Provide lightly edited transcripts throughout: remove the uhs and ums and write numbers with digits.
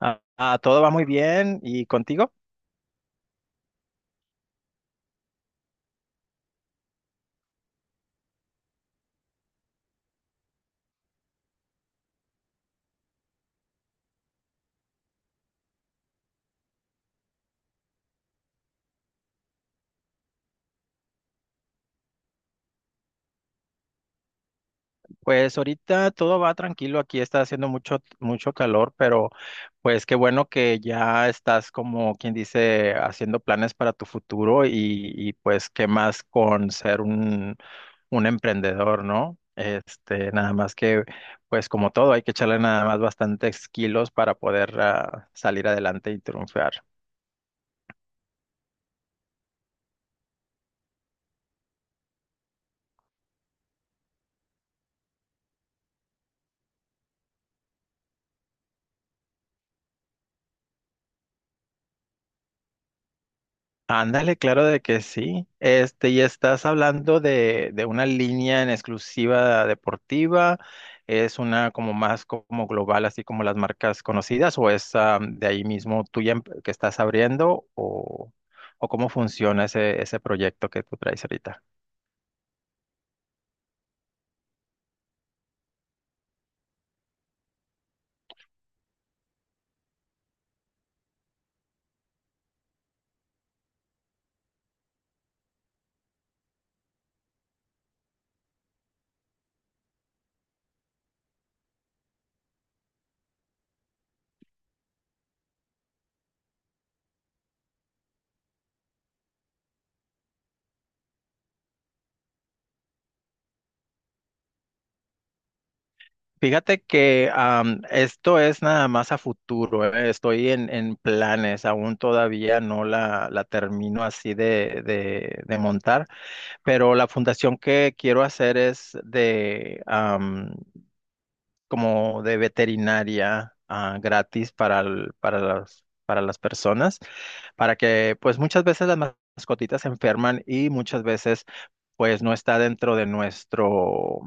Ah, todo va muy bien. ¿Y contigo? Pues ahorita todo va tranquilo. Aquí está haciendo mucho, mucho calor, pero pues qué bueno que ya estás como quien dice haciendo planes para tu futuro y pues qué más con ser un emprendedor, ¿no? Este, nada más que pues como todo hay que echarle nada más bastantes kilos para poder salir adelante y triunfar. Ándale, claro de que sí. Este, y estás hablando de una línea en exclusiva deportiva, es una como más como global, así como las marcas conocidas, o es de ahí mismo tuya que estás abriendo, o cómo funciona ese proyecto que tú traes ahorita. Fíjate que esto es nada más a futuro, estoy en planes, aún todavía no la termino así de montar. Pero la fundación que quiero hacer es de como de veterinaria gratis para las personas, para que pues muchas veces las mascotitas se enferman y muchas veces pues no está dentro de nuestro,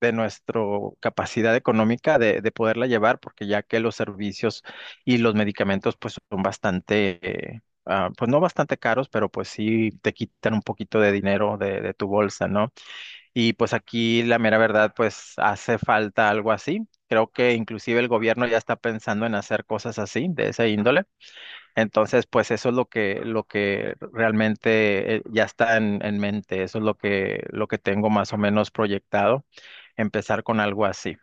de nuestro capacidad económica de poderla llevar, porque ya que los servicios y los medicamentos pues son bastante, pues no bastante caros, pero pues sí te quitan un poquito de dinero de tu bolsa, ¿no? Y pues aquí la mera verdad, pues hace falta algo así. Creo que inclusive el gobierno ya está pensando en hacer cosas así, de esa índole. Entonces, pues eso es lo que realmente ya está en mente. Eso es lo que tengo más o menos proyectado, empezar con algo así.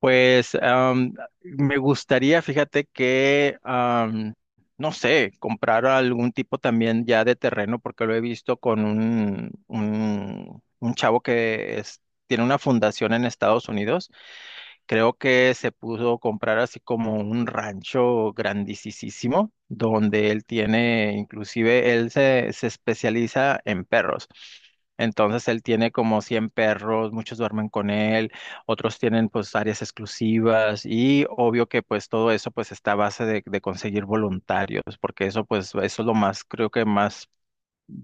Pues me gustaría, fíjate que, no sé, comprar algún tipo también ya de terreno, porque lo he visto con un chavo tiene una fundación en Estados Unidos. Creo que se pudo comprar así como un rancho grandisísimo, donde él tiene, inclusive él se especializa en perros. Entonces él tiene como 100 perros, muchos duermen con él, otros tienen pues áreas exclusivas y obvio que pues todo eso pues está a base de conseguir voluntarios, porque eso pues eso es lo más, creo que más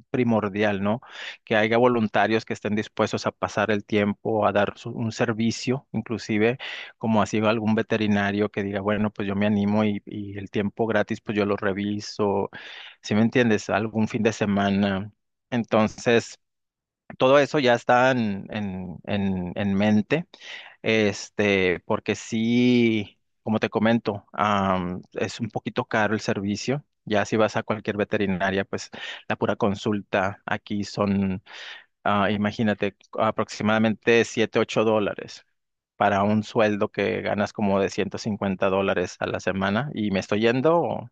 primordial, ¿no? Que haya voluntarios que estén dispuestos a pasar el tiempo, a dar un servicio, inclusive como así algún veterinario que diga, bueno, pues yo me animo y el tiempo gratis, pues yo lo reviso, ¿sí me entiendes? Algún fin de semana. Entonces, todo eso ya está en mente. Este, porque sí, como te comento, es un poquito caro el servicio. Ya si vas a cualquier veterinaria, pues la pura consulta aquí son, imagínate, aproximadamente 7 u 8 dólares para un sueldo que ganas como de $150 a la semana. Y me estoy yendo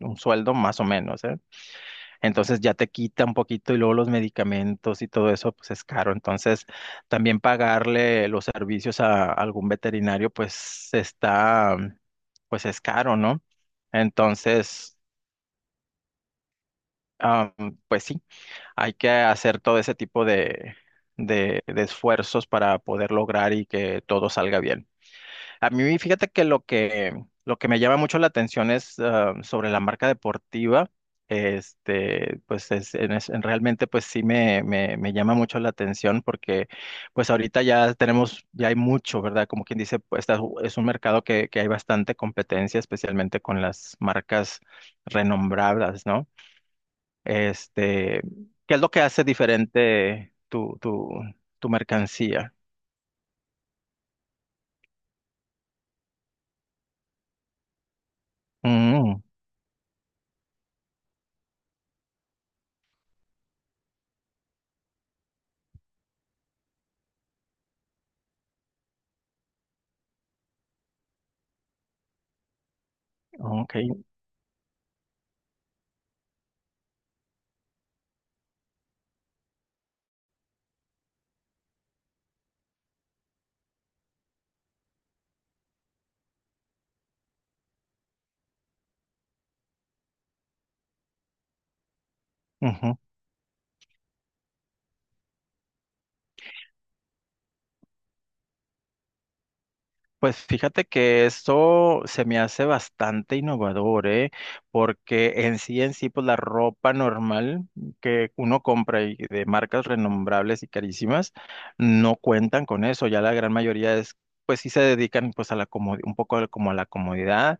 un sueldo más o menos, ¿eh? Entonces ya te quita un poquito y luego los medicamentos y todo eso, pues es caro. Entonces también pagarle los servicios a algún veterinario, pues está, pues es caro, ¿no? Entonces, am, pues sí, hay que hacer todo ese tipo de esfuerzos para poder lograr y que todo salga bien. A mí, fíjate que lo que me llama mucho la atención es sobre la marca deportiva. Este, pues en realmente pues sí me llama mucho la atención porque pues ahorita ya tenemos, ya hay mucho, ¿verdad? Como quien dice, pues es un mercado que hay bastante competencia, especialmente con las marcas renombradas, ¿no? Este, ¿qué es lo que hace diferente tu mercancía? Mm, ok. Pues fíjate que esto se me hace bastante innovador, ¿eh? Porque en sí, pues la ropa normal que uno compra y de marcas renombrables y carísimas no cuentan con eso. Ya la gran mayoría es, pues sí se dedican pues a la como un poco como a la comodidad,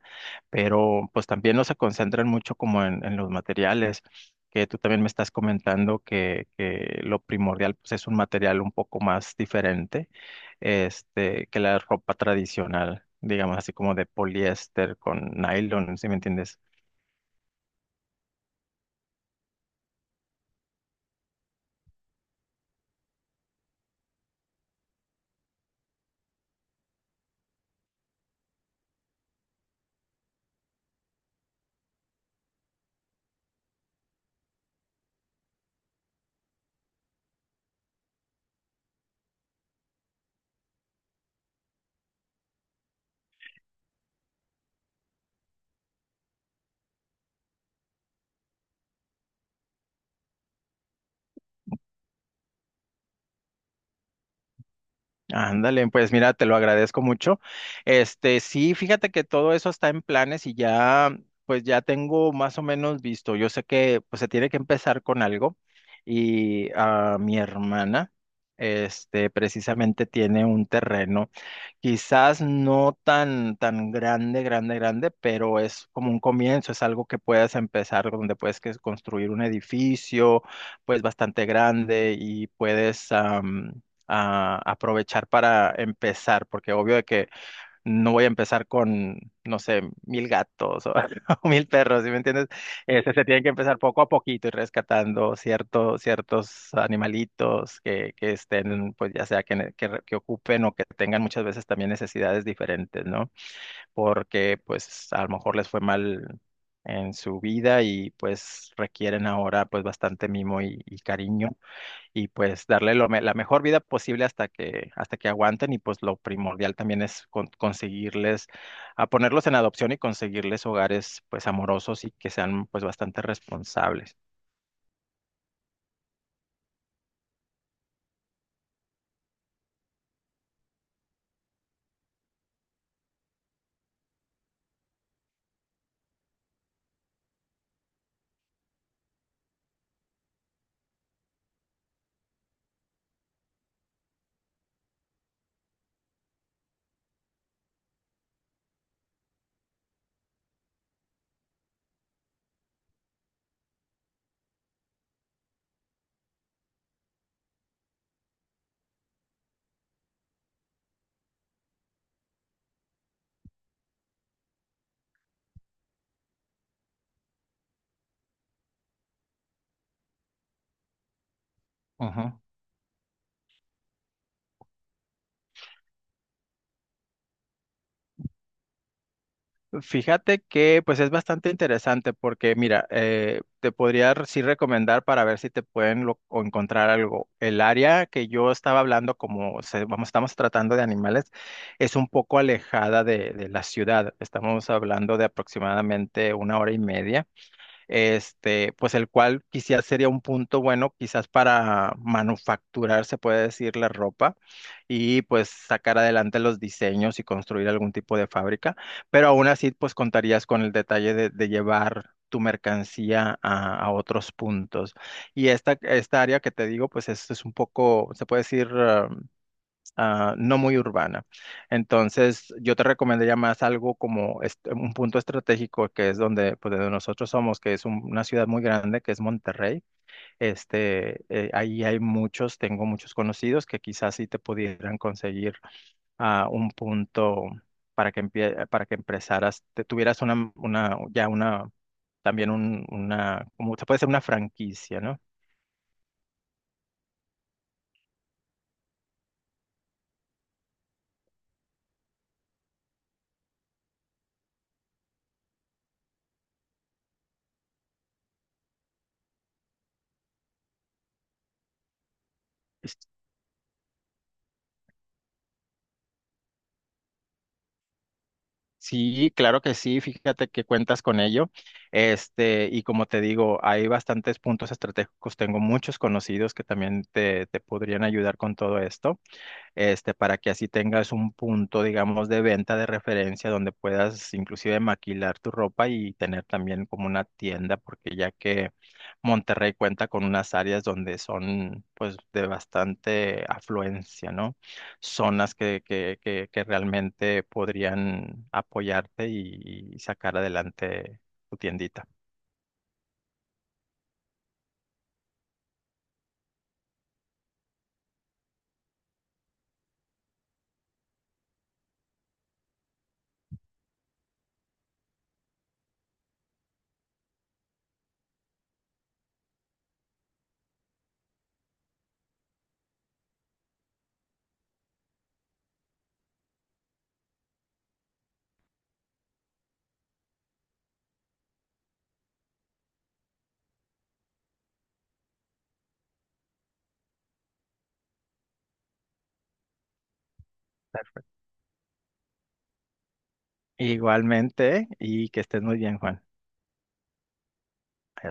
pero pues también no se concentran mucho como en los materiales. Que tú también me estás comentando que lo primordial pues, es un material un poco más diferente este, que la ropa tradicional, digamos así como de poliéster con nylon, ¿sí me entiendes? Ándale, pues mira, te lo agradezco mucho. Este, sí, fíjate que todo eso está en planes y ya, pues ya tengo más o menos visto. Yo sé que pues se tiene que empezar con algo y a mi hermana, este, precisamente tiene un terreno. Quizás no tan, tan grande, grande, grande, pero es como un comienzo, es algo que puedes empezar, donde puedes construir un edificio, pues bastante grande y puedes aprovechar para empezar, porque obvio de que no voy a empezar con, no sé, mil gatos o, o mil perros, ¿sí me entiendes? Este, se tienen que empezar poco a poquito y rescatando ciertos animalitos que estén, pues ya sea que ocupen o que tengan muchas veces también necesidades diferentes, ¿no? Porque pues a lo mejor les fue mal en su vida y pues requieren ahora pues bastante mimo y cariño y pues darle la mejor vida posible hasta que aguanten y pues lo primordial también es conseguirles, a ponerlos en adopción y conseguirles hogares pues amorosos y que sean pues bastante responsables. Fíjate que pues es bastante interesante porque mira, te podría sí recomendar para ver si te pueden o encontrar algo. El área que yo estaba hablando, como vamos, estamos tratando de animales, es un poco alejada de la ciudad. Estamos hablando de aproximadamente 1 hora y media este, pues el cual quizás sería un punto bueno, quizás para manufacturar, se puede decir, la ropa y pues sacar adelante los diseños y construir algún tipo de fábrica, pero aún así pues contarías con el detalle de llevar tu mercancía a otros puntos. Y esta área que te digo, pues es un poco, se puede decir, no muy urbana. Entonces, yo te recomendaría más algo como un punto estratégico que es donde, pues, de donde nosotros somos, que es una ciudad muy grande, que es Monterrey. Este, ahí hay muchos, tengo muchos conocidos que quizás sí te pudieran conseguir un punto para que para que empezaras, te tuvieras una, ya una, también un, una, como se puede ser una franquicia, ¿no? Sí, claro que sí, fíjate que cuentas con ello. Este, y como te digo, hay bastantes puntos estratégicos, tengo muchos conocidos que también te podrían ayudar con todo esto este, para que así tengas un punto, digamos, de venta de referencia donde puedas inclusive maquilar tu ropa y tener también como una tienda, porque ya que Monterrey cuenta con unas áreas donde son pues de bastante afluencia, ¿no? Zonas que realmente podrían apoyarte y sacar adelante tu tiendita. Perfecto. Igualmente, y que estés muy bien, Juan.